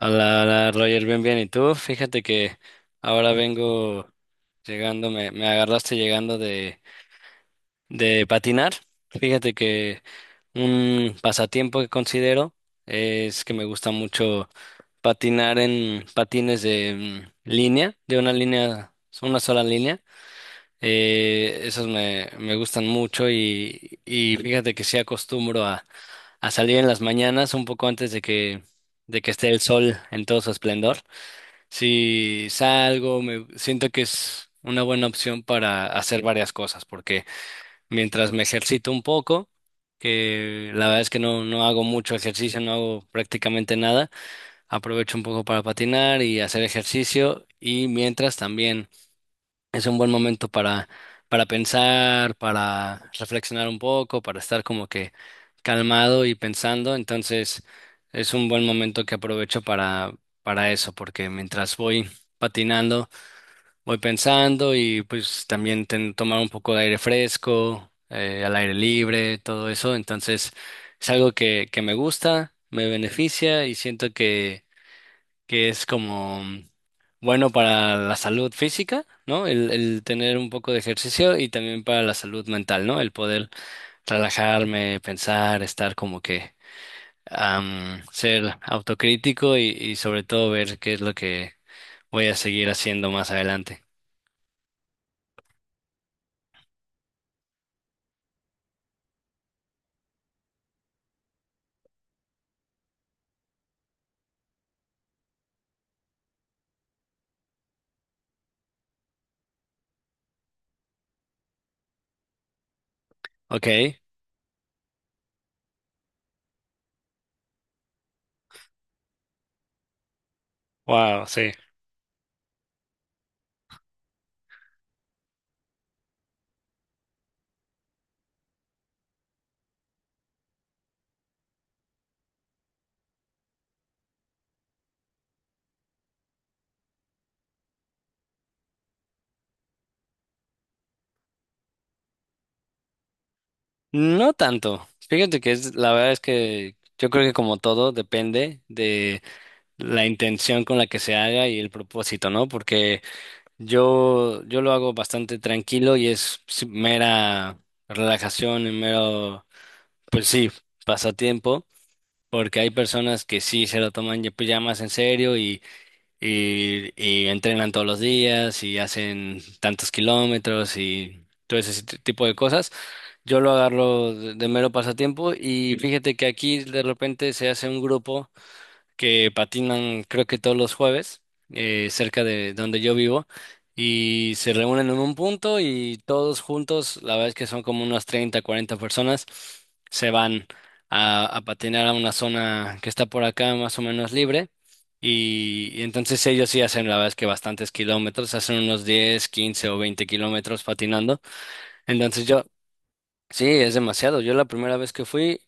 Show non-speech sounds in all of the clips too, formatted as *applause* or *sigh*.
Hola, hola, Roger, bien, bien. ¿Y tú? Fíjate que ahora vengo llegando, me agarraste llegando de patinar. Fíjate que un pasatiempo que considero es que me gusta mucho patinar en patines de línea, de una línea, una sola línea. Esos me gustan mucho y fíjate que sí acostumbro a salir en las mañanas un poco antes de que esté el sol en todo su esplendor. Si salgo, me siento que es una buena opción para hacer varias cosas, porque mientras me ejercito un poco, que la verdad es que no, no hago mucho ejercicio, no hago prácticamente nada, aprovecho un poco para patinar y hacer ejercicio, y mientras también. Es un buen momento para pensar, para reflexionar un poco, para estar como que calmado y pensando. Entonces, es un buen momento que aprovecho para eso, porque mientras voy patinando, voy pensando y pues también tomar un poco de aire fresco, al aire libre, todo eso. Entonces, es algo que me gusta, me beneficia y siento que es como bueno para la salud física, ¿no? El tener un poco de ejercicio y también para la salud mental, ¿no? El poder relajarme, pensar, estar como que ser autocrítico y sobre todo ver qué es lo que voy a seguir haciendo más adelante. Ok, wow, sí. No tanto. Fíjate que es, la verdad es que yo creo que como todo depende de la intención con la que se haga y el propósito, ¿no? Porque yo lo hago bastante tranquilo y es sí, mera relajación y mero, pues sí, pasatiempo, porque hay personas que sí se lo toman ya, pues, ya más en serio y entrenan todos los días y hacen tantos kilómetros y todo ese tipo de cosas. Yo lo agarro de mero pasatiempo y fíjate que aquí de repente se hace un grupo que patinan creo que todos los jueves cerca de donde yo vivo y se reúnen en un punto y todos juntos, la verdad es que son como unas 30 40 personas, se van a patinar a una zona que está por acá más o menos libre y entonces ellos sí hacen la verdad es que bastantes kilómetros, hacen unos 10 15 o 20 kilómetros patinando. Entonces yo sí, es demasiado. Yo la primera vez que fui,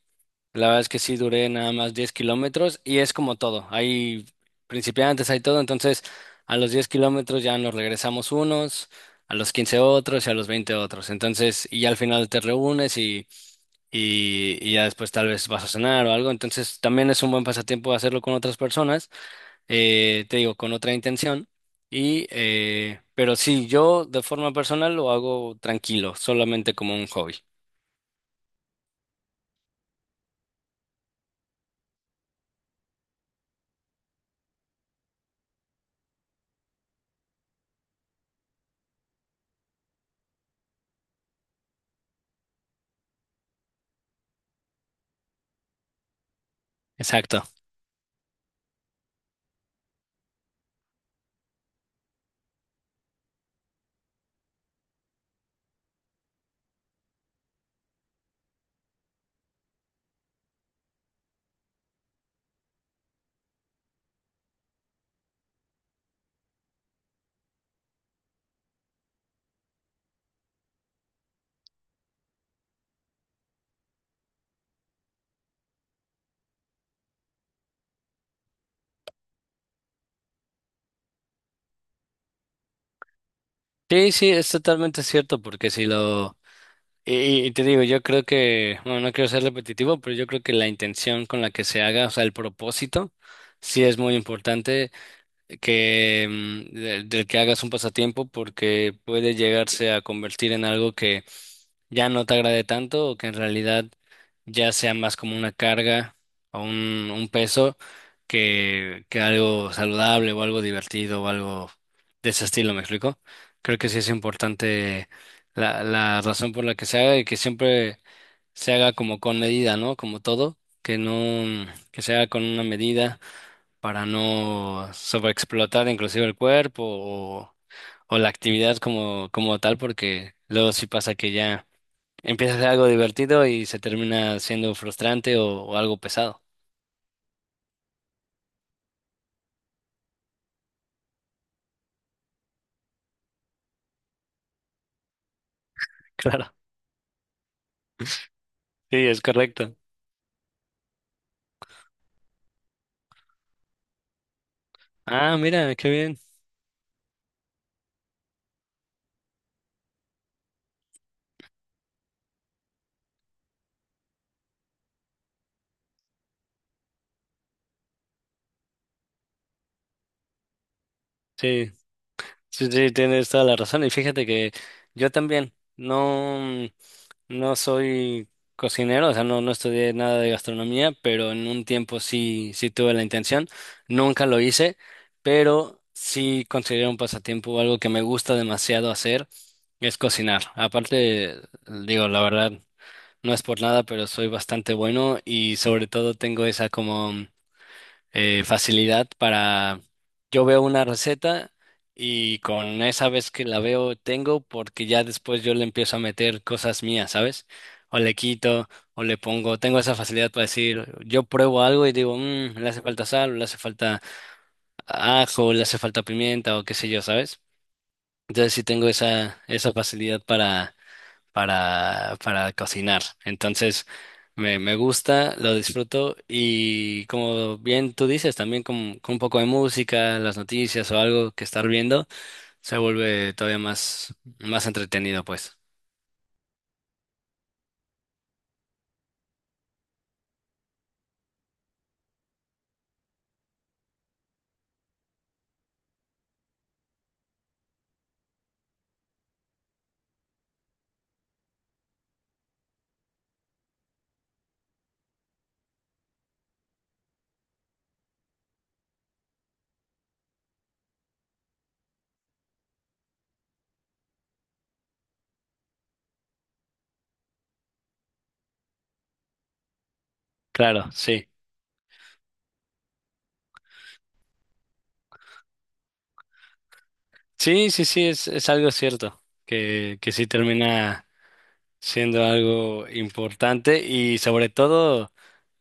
la verdad es que sí duré nada más 10 kilómetros y es como todo. Hay principiantes, hay todo. Entonces, a los 10 kilómetros ya nos regresamos unos, a los 15 otros y a los 20 otros. Entonces, y ya al final te reúnes y ya después tal vez vas a cenar o algo. Entonces, también es un buen pasatiempo hacerlo con otras personas, te digo, con otra intención. Y, pero sí, yo de forma personal lo hago tranquilo, solamente como un hobby. Exacto. Sí, sí, es totalmente cierto, porque si lo... Y te digo, yo creo que, bueno, no quiero ser repetitivo, pero yo creo que la intención con la que se haga, o sea, el propósito, sí es muy importante que del que hagas un pasatiempo, porque puede llegarse a convertir en algo que ya no te agrade tanto o que en realidad ya sea más como una carga o un peso que algo saludable o algo divertido o algo de ese estilo, ¿me explico? Creo que sí es importante la razón por la que se haga y que siempre se haga como con medida, ¿no? Como todo, que no, que se haga con una medida para no sobreexplotar inclusive el cuerpo o la actividad como tal, porque luego sí pasa que ya empieza a ser algo divertido y se termina siendo frustrante o algo pesado. *laughs* Claro. Sí, es correcto. Ah, mira, qué bien. Sí, sí, sí, tienes toda la razón. Y fíjate que yo también no, no soy cocinero, o sea, no, no estudié nada de gastronomía, pero en un tiempo sí, sí tuve la intención. Nunca lo hice, pero sí considero un pasatiempo algo que me gusta demasiado hacer, es cocinar. Aparte, digo, la verdad. No es por nada, pero soy bastante bueno y sobre todo tengo esa como facilidad para... Yo veo una receta y con esa vez que la veo tengo porque ya después yo le empiezo a meter cosas mías, ¿sabes? O le quito o le pongo. Tengo esa facilidad para decir, yo pruebo algo y digo: Le hace falta sal, o le hace falta ajo, o le hace falta pimienta o qué sé yo", ¿sabes? Entonces sí tengo esa facilidad para cocinar. Entonces, me gusta, lo disfruto y como bien tú dices, también con un poco de música, las noticias o algo que estar viendo, se vuelve todavía más, más entretenido, pues. Claro, sí. Sí, sí, sí, es algo cierto, que sí termina siendo algo importante y sobre todo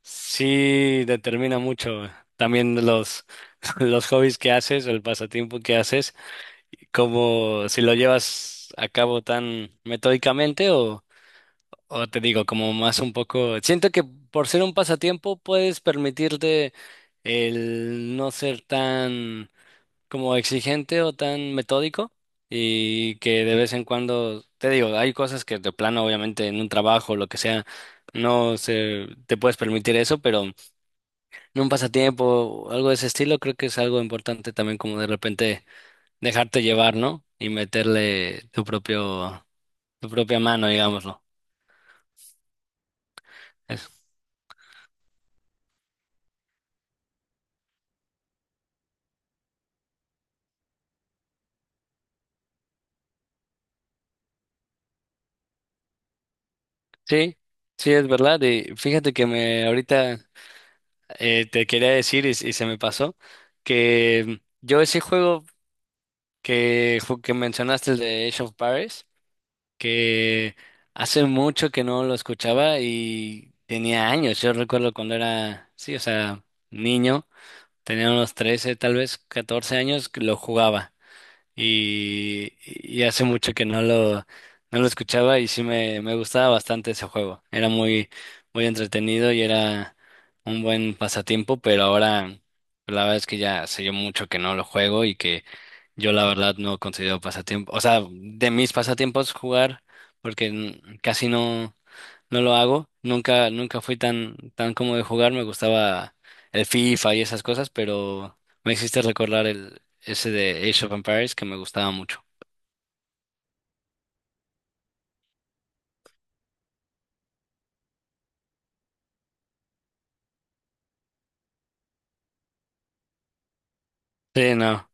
sí determina mucho también los, *laughs* los hobbies que haces, el pasatiempo que haces. ¿Cómo si lo llevas a cabo tan metódicamente o te digo, como más un poco, siento que por ser un pasatiempo puedes permitirte el no ser tan como exigente o tan metódico y que de vez en cuando, te digo, hay cosas que de plano, obviamente, en un trabajo o lo que sea, no se, te puedes permitir eso, pero en un pasatiempo o algo de ese estilo creo que es algo importante también como de repente dejarte llevar, ¿no? Y meterle tu propio, tu propia mano, digámoslo. Es- sí, sí, es verdad. Y fíjate que me ahorita te quería decir y se me pasó que yo ese juego que mencionaste, el de Age of Paris, que hace mucho que no lo escuchaba y tenía años. Yo recuerdo cuando era, sí, o sea, niño, tenía unos 13, tal vez 14 años, que lo jugaba. Y hace mucho que no lo escuchaba y sí me gustaba bastante ese juego. Era muy, muy entretenido y era un buen pasatiempo, pero ahora la verdad es que ya hace yo mucho que no lo juego y que yo la verdad no considero pasatiempo, o sea, de mis pasatiempos jugar, porque casi no, no lo hago. Nunca, nunca fui tan, tan como de jugar. Me gustaba el FIFA y esas cosas, pero me hiciste recordar el, ese de Age of Empires que me gustaba mucho. Sí, no,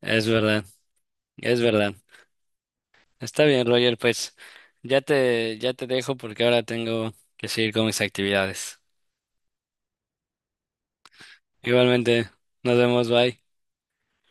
es verdad, es verdad. Está bien, Roger, pues ya te dejo porque ahora tengo que seguir con mis actividades. Igualmente, nos vemos, bye.